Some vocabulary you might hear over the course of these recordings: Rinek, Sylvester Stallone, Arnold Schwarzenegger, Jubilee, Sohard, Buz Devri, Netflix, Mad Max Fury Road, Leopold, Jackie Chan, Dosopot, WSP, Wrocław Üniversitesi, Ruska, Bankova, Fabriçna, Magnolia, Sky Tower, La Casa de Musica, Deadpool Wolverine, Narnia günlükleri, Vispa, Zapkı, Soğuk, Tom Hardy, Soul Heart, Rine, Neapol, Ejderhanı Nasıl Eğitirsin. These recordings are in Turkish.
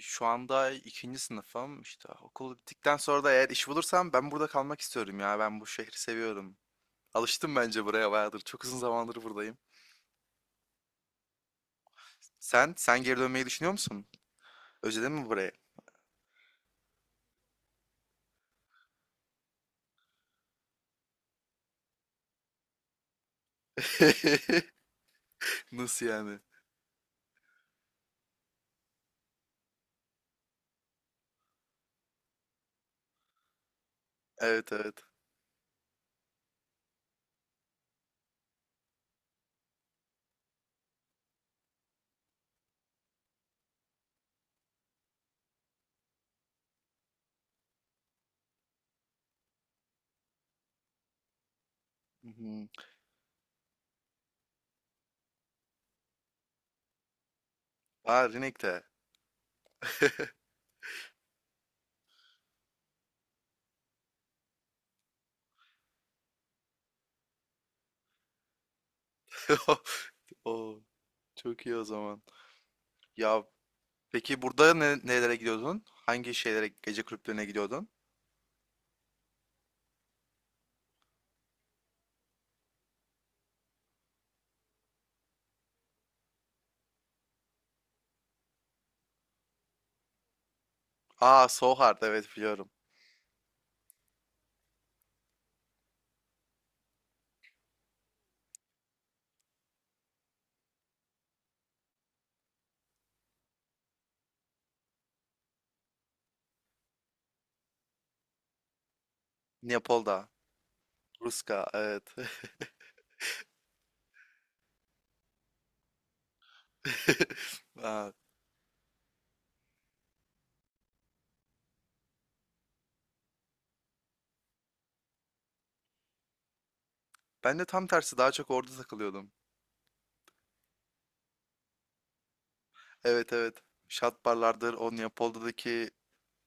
Şu anda ikinci sınıfım. İşte okul bittikten sonra da eğer iş bulursam ben burada kalmak istiyorum ya. Ben bu şehri seviyorum. Alıştım bence buraya bayağıdır. Çok uzun zamandır buradayım. Sen geri dönmeyi düşünüyor musun? Özledin mi burayı? Nasıl yani? Evet, evet. Hı hı. Aa, Rinek'te. Oo, çok iyi o zaman. Ya peki burada nelere gidiyordun? Hangi şeylere, gece kulüplerine gidiyordun? Aa, Sohard, evet, biliyorum. Neapol'da. Ruska, evet. Aa, ben de tam tersi daha çok orada takılıyordum. Evet, evet. Şat barlardır, o Leopold'daki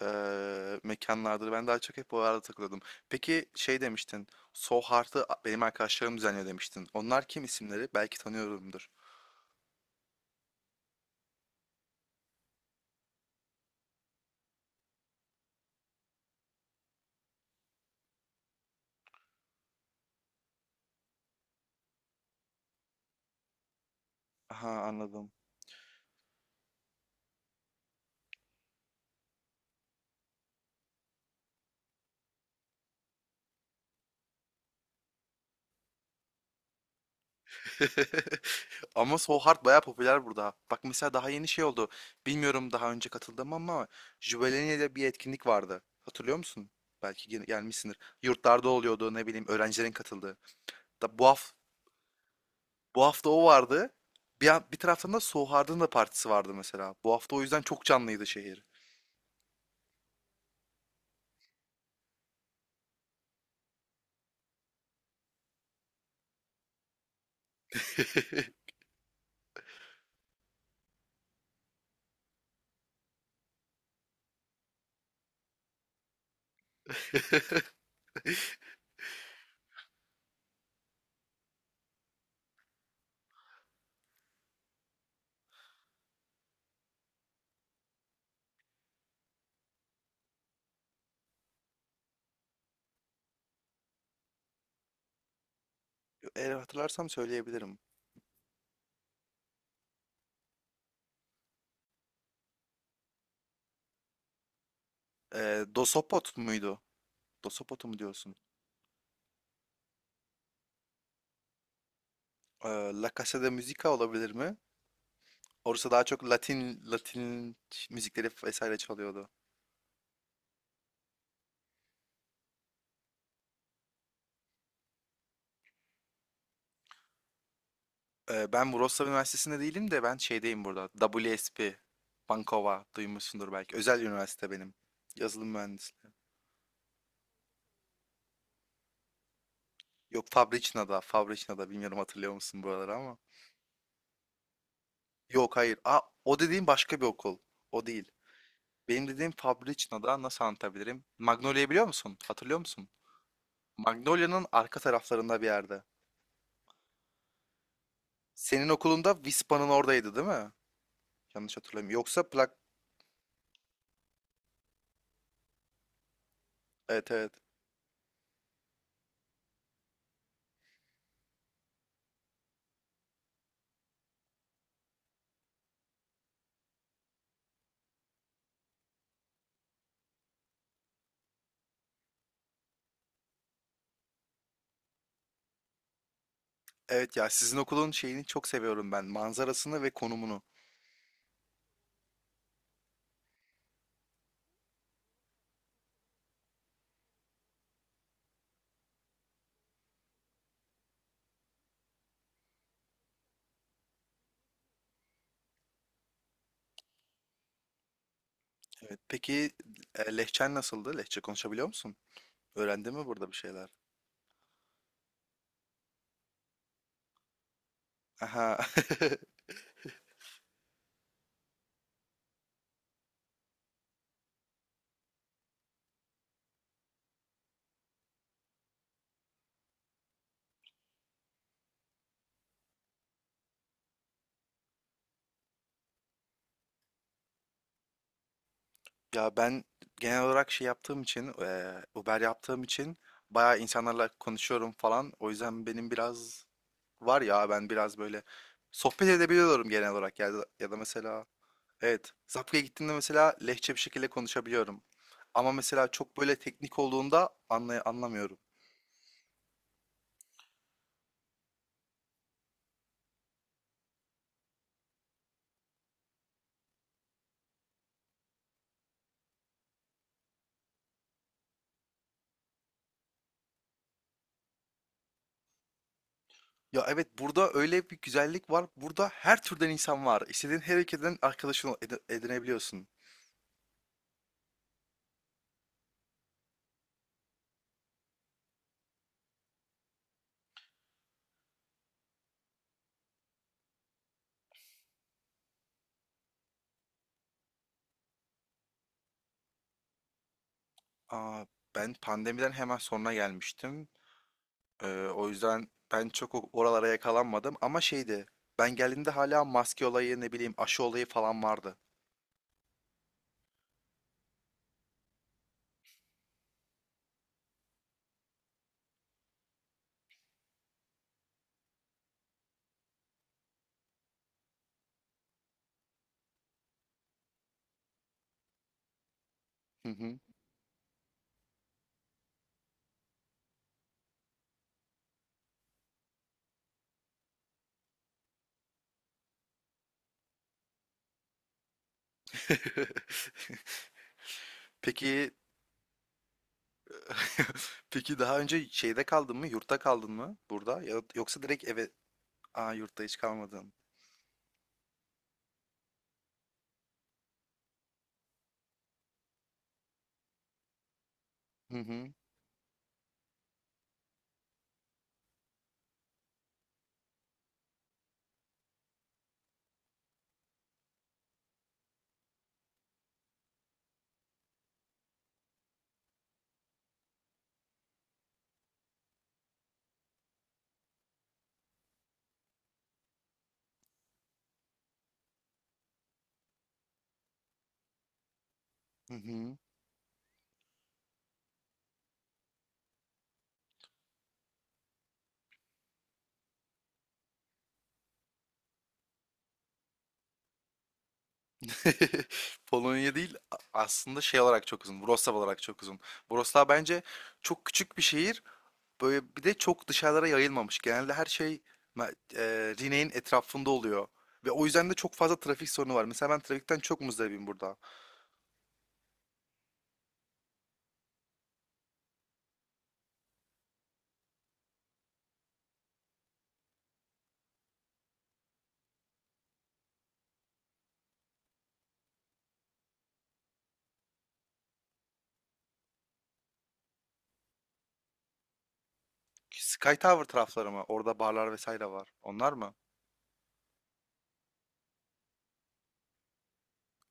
mekanlardır. Ben daha çok hep o arada takılıyordum. Peki şey demiştin. Soul Heart'ı benim arkadaşlarım düzenliyor demiştin. Onlar kim, isimleri? Belki tanıyorumdur. Aha, anladım. Ama Soul Heart bayağı popüler burada. Bak mesela daha yeni şey oldu. Bilmiyorum, daha önce katıldım, ama Jubilee'de bir etkinlik vardı. Hatırlıyor musun? Belki gelmişsindir. Yurtlarda oluyordu, ne bileyim, öğrencilerin katıldığı. Da bu hafta, bu hafta o vardı. Bir bir taraftan da Soğuk'un da partisi vardı mesela. Bu hafta o yüzden çok canlıydı şehir. Eğer hatırlarsam söyleyebilirim. Dosopot muydu? Dosopot'u mu diyorsun? Ee, La Casa de Musica olabilir mi? Orası daha çok Latin Latin müzikleri vesaire çalıyordu. Ben Wrocław Üniversitesi'nde değilim de ben şeydeyim burada. WSP, Bankova duymuşsundur belki. Özel üniversite benim. Yazılım mühendisliği. Yok, Fabriçna'da, Fabriçna'da, bilmiyorum hatırlıyor musun buraları ama. Yok, hayır. Aa, o dediğim başka bir okul. O değil. Benim dediğim Fabricna'da, nasıl anlatabilirim? Magnolia'yı biliyor musun? Hatırlıyor musun? Magnolia'nın arka taraflarında bir yerde. Senin okulunda Vispa'nın oradaydı, değil mi? Yanlış hatırlamıyorum. Yoksa plak... Evet, evet. Evet, ya sizin okulun şeyini çok seviyorum ben. Manzarasını ve konumunu. Evet. Peki Lehçen nasıldı? Lehçe konuşabiliyor musun? Öğrendin mi burada bir şeyler? Aha. Ya ben genel olarak şey yaptığım için, Uber yaptığım için bayağı insanlarla konuşuyorum falan. O yüzden benim biraz, var ya ben biraz böyle sohbet edebiliyorum genel olarak, ya da mesela evet Zapkı'ya gittiğimde mesela lehçe bir şekilde konuşabiliyorum. Ama mesela çok böyle teknik olduğunda anlamıyorum. Ya evet, burada öyle bir güzellik var. Burada her türden insan var. İstediğin her ülkeden arkadaşını edinebiliyorsun. Aa, ben pandemiden hemen sonra gelmiştim. Ee, O yüzden ben çok oralara yakalanmadım ama şeydi. Ben geldiğimde hala maske olayı, ne bileyim, aşı olayı falan vardı. Hı hı. Peki peki daha önce şeyde kaldın mı? Yurtta kaldın mı burada? Ya, yoksa direkt eve. Aa, yurtta hiç kalmadın. Hı hı. Hı hı. Polonya değil, aslında şey olarak çok uzun. Wrocław olarak çok uzun. Wrocław bence çok küçük bir şehir. Böyle bir de çok dışarılara yayılmamış. Genelde her şey Rine'in etrafında oluyor. Ve o yüzden de çok fazla trafik sorunu var. Mesela ben trafikten çok muzdaribim burada. Sky Tower tarafları mı? Orada barlar vesaire var. Onlar mı?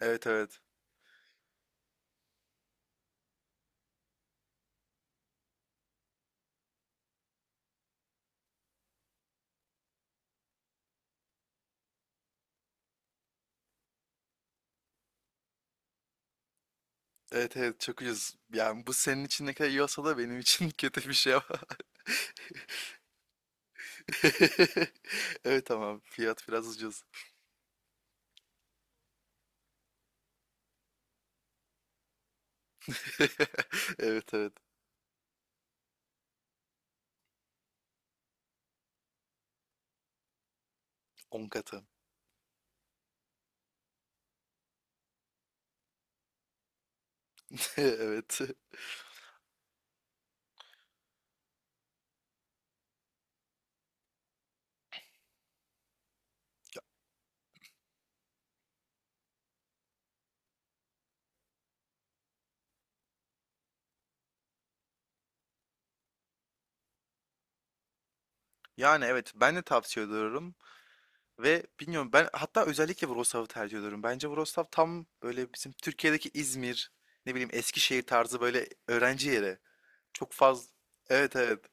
Evet, evet. Evet, evet, çok ucuz. Yani bu senin için ne kadar iyi olsa da benim için kötü bir şey ama. Evet ama fiyat biraz ucuz. Evet, evet. 10 katı. Evet. Yani evet, ben de tavsiye ediyorum. Ve bilmiyorum, ben hatta özellikle Wrocław'ı tercih ediyorum. Bence Wrocław tam böyle bizim Türkiye'deki İzmir, ne bileyim Eskişehir tarzı böyle öğrenci yeri. Çok fazla. Evet, evet.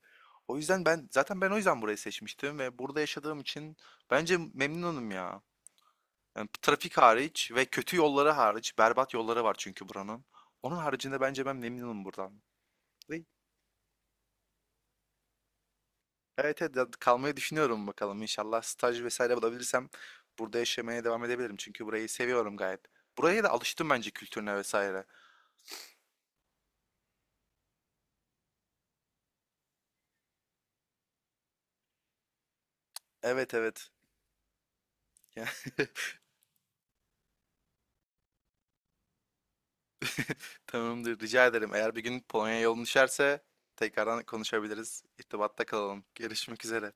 O yüzden ben zaten ben o yüzden burayı seçmiştim ve burada yaşadığım için bence memnunum ya. Yani trafik hariç ve kötü yolları hariç, berbat yolları var çünkü buranın. Onun haricinde bence ben memnunum buradan. Evet evet, ya kalmayı düşünüyorum bakalım. İnşallah staj vesaire bulabilirsem burada yaşamaya devam edebilirim. Çünkü burayı seviyorum gayet. Buraya da alıştım bence, kültürüne vesaire. Evet, evet. Ya, tamamdır, rica ederim. Eğer bir gün Polonya'ya yolun düşerse tekrardan konuşabiliriz. İrtibatta kalalım. Görüşmek üzere.